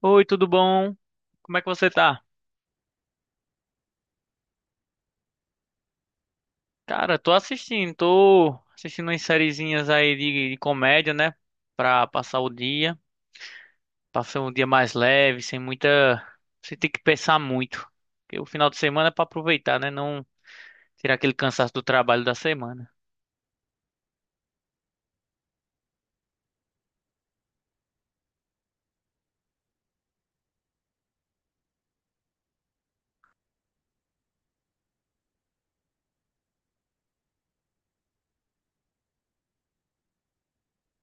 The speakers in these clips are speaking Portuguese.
Oi, tudo bom? Como é que você tá? Cara, tô assistindo umas sériezinhas aí de comédia, né? Pra passar o dia, passar um dia mais leve, sem muita. Sem ter que pensar muito. Porque o final de semana é pra aproveitar, né? Não tirar aquele cansaço do trabalho da semana.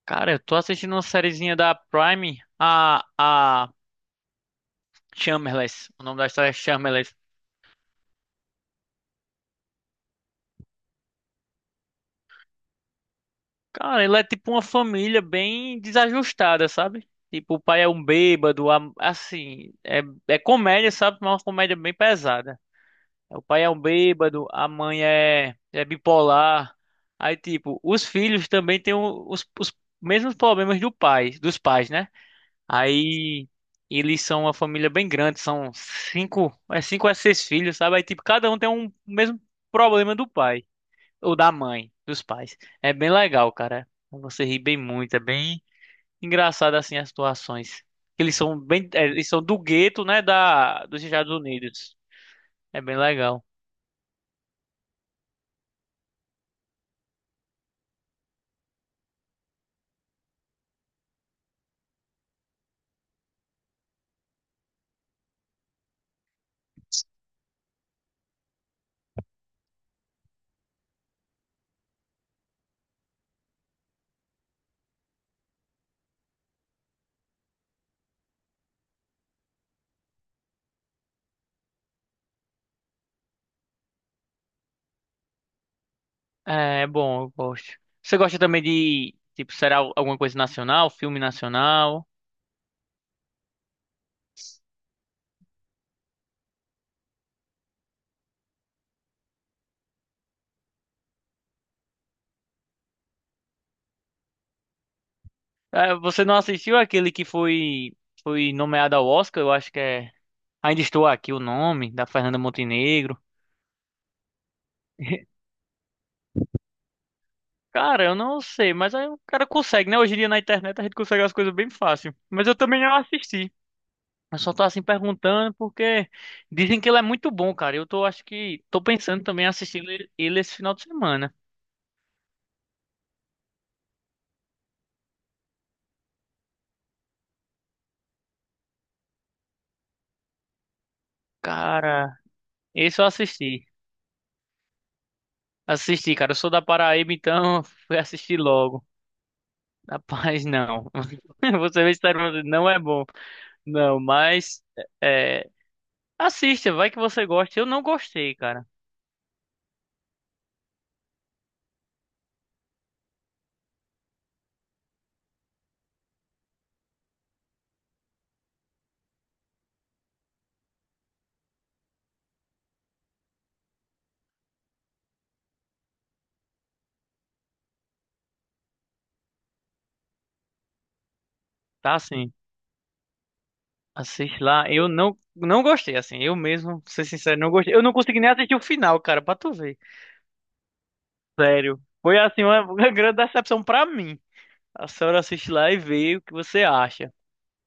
Cara, eu tô assistindo uma sériezinha da Prime, a Shameless. O nome da história é Shameless. Cara, ele é tipo uma família bem desajustada, sabe? Tipo, o pai é um bêbado, assim, é, é comédia, sabe? Mas é uma comédia bem pesada. O pai é um bêbado, a mãe é, é bipolar. Aí, tipo, os filhos também têm os mesmos problemas do pai, dos pais, né? Aí, eles são uma família bem grande, são cinco, é cinco a seis filhos, sabe? Aí, tipo, cada um tem um mesmo problema do pai. Ou da mãe, dos pais. É bem legal, cara. Você ri bem muito, é bem engraçado assim as situações. Eles são bem, é, eles são do gueto, né, da dos Estados Unidos. É bem legal. É, é bom, eu gosto. Você gosta também de, tipo, será alguma coisa nacional, filme nacional? É, você não assistiu aquele que foi nomeado ao Oscar, eu acho que é Ainda Estou Aqui o nome, da Fernanda Montenegro. Cara, eu não sei, mas aí o cara consegue, né? Hoje em dia na internet a gente consegue as coisas bem fácil. Mas eu também não assisti. Eu só tô assim perguntando porque dizem que ele é muito bom, cara. Eu tô, acho que tô pensando também em assistir ele esse final de semana. Cara, esse eu assisti. Assisti, cara. Eu sou da Paraíba, então fui assistir logo. Rapaz, não. Você vê se não é bom. Não, mas é, é, assista, vai que você gosta. Eu não gostei, cara. Tá assim. Assiste lá. Eu não, não gostei, assim. Eu mesmo, pra ser sincero, não gostei. Eu não consegui nem assistir o final, cara, pra tu ver. Sério. Foi, assim, uma, uma grande decepção pra mim. A senhora assiste lá e vê o que você acha.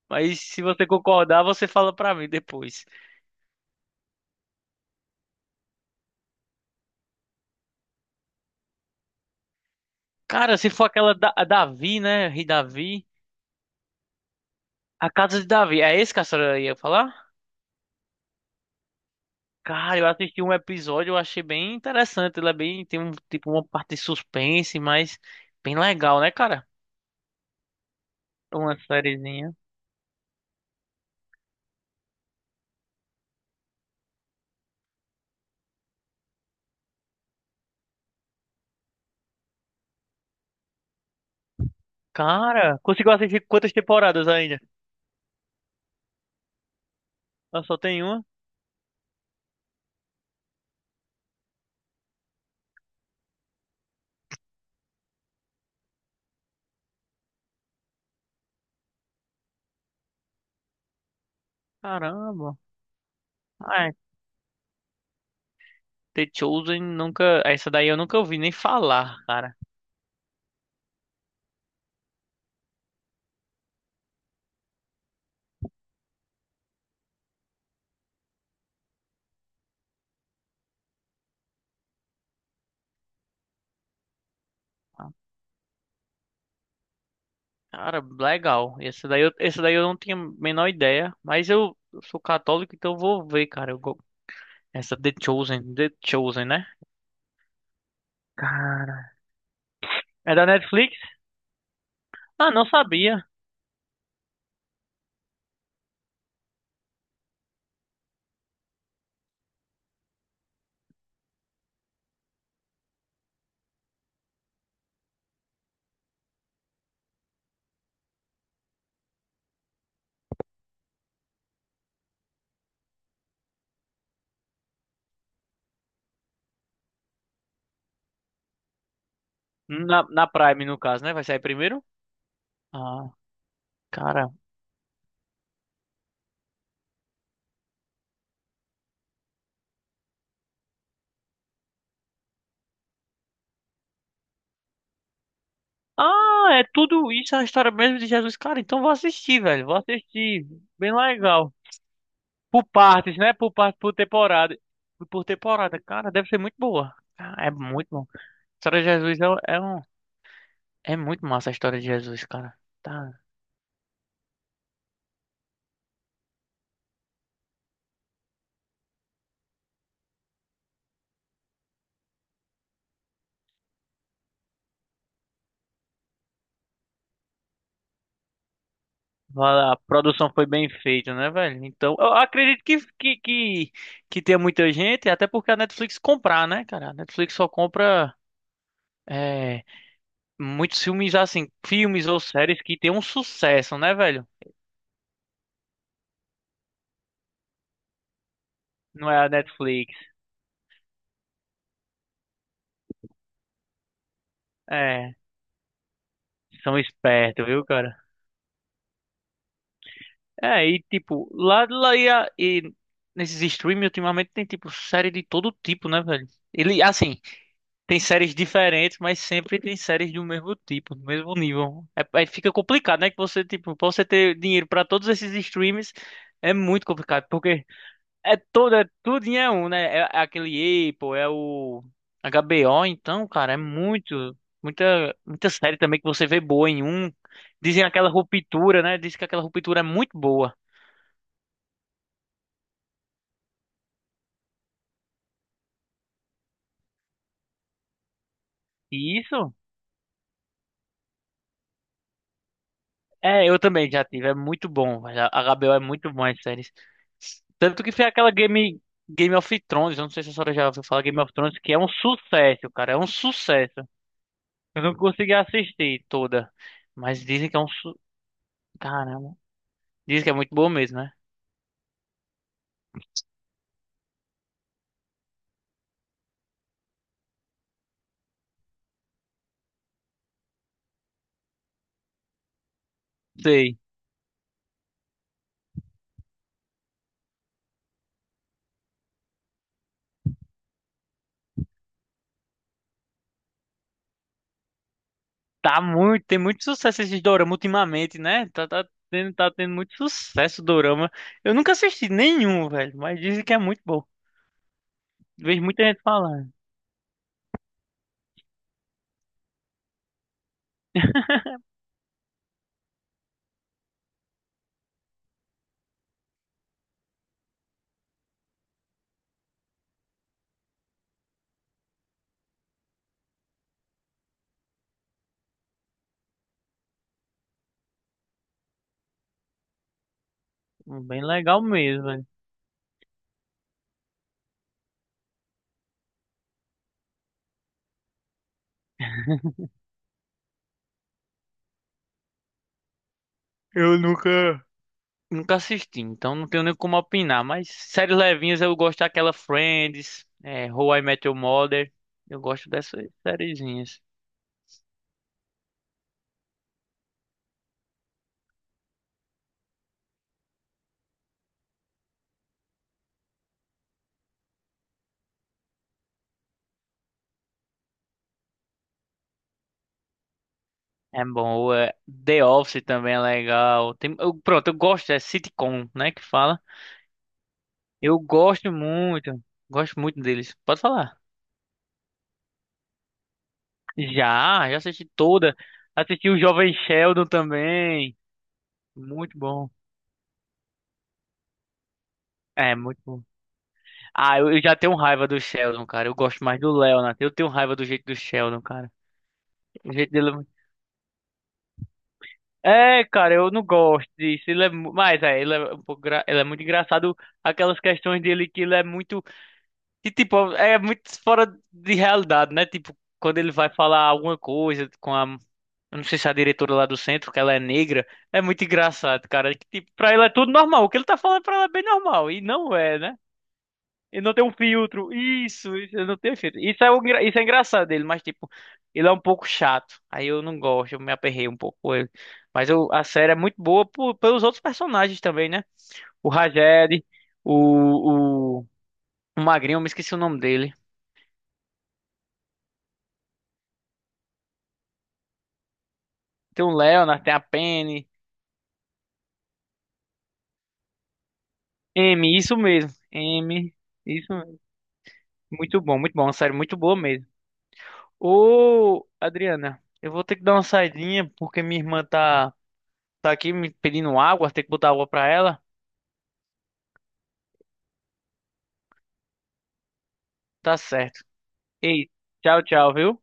Mas se você concordar, você fala pra mim depois. Cara, se for aquela da, a Davi, né? Rei Davi. A Casa de Davi. É esse que a senhora ia falar? Cara, eu assisti um episódio, eu achei bem interessante. Ele é bem, tem um, tipo, uma parte de suspense, mas bem legal, né, cara? Uma sériezinha. Cara, conseguiu assistir quantas temporadas ainda? Ah, só tem uma? Caramba. Ah, é, The Chosen nunca. Essa daí eu nunca ouvi nem falar, cara. Ah, cara, legal. Essa daí eu não tinha a menor ideia. Mas eu sou católico, então eu vou ver, cara. Essa The Chosen, The Chosen, né? Cara. É da Netflix? Ah, não sabia. Na, na Prime, no caso, né? Vai sair primeiro? Ah, cara. Ah, é tudo isso, é a história mesmo de Jesus. Cara, então vou assistir, velho. Vou assistir. Bem legal. Por partes, né? Por parte, por temporada. Por temporada, cara, deve ser muito boa. Ah, é muito bom. A história de Jesus é, é um. É muito massa a história de Jesus, cara. Tá. Vale. A produção foi bem feita, né, velho? Então, eu acredito que tenha muita gente, até porque a Netflix comprar, né, cara? A Netflix só compra é, muitos filmes, assim, filmes ou séries que tem um sucesso, né, velho? Não é a Netflix. É, são espertos, viu, cara? É, e tipo, lá, lá e, e nesses streams ultimamente tem tipo série de todo tipo, né, velho? Ele, assim, tem séries diferentes, mas sempre tem séries do mesmo tipo, do mesmo nível. É, aí fica complicado, né? Que você, tipo, pra você ter dinheiro pra todos esses streams é muito complicado, porque é toda, é, tudinho é um, né? É, é aquele Apple, é o HBO, então, cara, é muito, muita, muita série também que você vê boa em um. Dizem aquela ruptura, né? Diz que aquela ruptura é muito boa. E isso? É, eu também já tive. É muito bom, velho. A HBO é muito bom as séries. Tanto que foi aquela Game, Game of Thrones. Eu não sei se a senhora já ouviu falar Game of Thrones, que é um sucesso, cara. É um sucesso. Eu não consegui assistir toda. Mas dizem que é um. Su... Caramba. Dizem que é muito bom mesmo, né? Sei. Tá muito. Tem muito sucesso esses dorama ultimamente, né? Tá, tá tendo muito sucesso o dorama. Eu nunca assisti nenhum, velho. Mas dizem que é muito bom. Vejo muita gente falando. Hum, bem legal mesmo, né? Eu nunca, nunca assisti, então não tenho nem como opinar. Mas séries levinhas eu gosto daquela Friends, é, How I Met Your Mother. Eu gosto dessas sériezinhas. É bom, é, The Office também é legal. Tem, pronto, eu gosto, é sitcom, né, que fala. Eu gosto muito deles. Pode falar. Já, já assisti toda. Assisti o Jovem Sheldon também. Muito bom. É, muito bom. Ah, eu já tenho raiva do Sheldon, cara. Eu gosto mais do Leonard. Eu tenho raiva do jeito do Sheldon, cara. O jeito dele... é é, cara, eu não gosto disso. Ele é... mas, é, ele é um pouco... ele é muito engraçado. Aquelas questões dele que ele é muito... que, tipo, é muito fora de realidade, né? Tipo, quando ele vai falar alguma coisa com a... Eu não sei se é a diretora lá do centro, que ela é negra. É muito engraçado, cara. Que, tipo, pra ele é tudo normal. O que ele tá falando pra ela é bem normal. E não é, né? Ele não tem um filtro. Isso, ele não tem um filtro. Isso é, o, isso é engraçado dele, mas tipo, ele é um pouco chato. Aí eu não gosto, eu me aperrei um pouco com ele. Mas a série é muito boa pelos outros personagens também, né? O Rajed, o, o, o Magrinho, eu me esqueci o nome dele. Tem o Leonard, tem a Penny. M, isso mesmo. M, isso mesmo. Muito bom, muito bom. Uma série muito boa mesmo. Ô, Adriana, eu vou ter que dar uma saidinha porque minha irmã tá, tá aqui me pedindo água, tem que botar água pra ela. Tá certo. Ei, tchau, tchau, viu?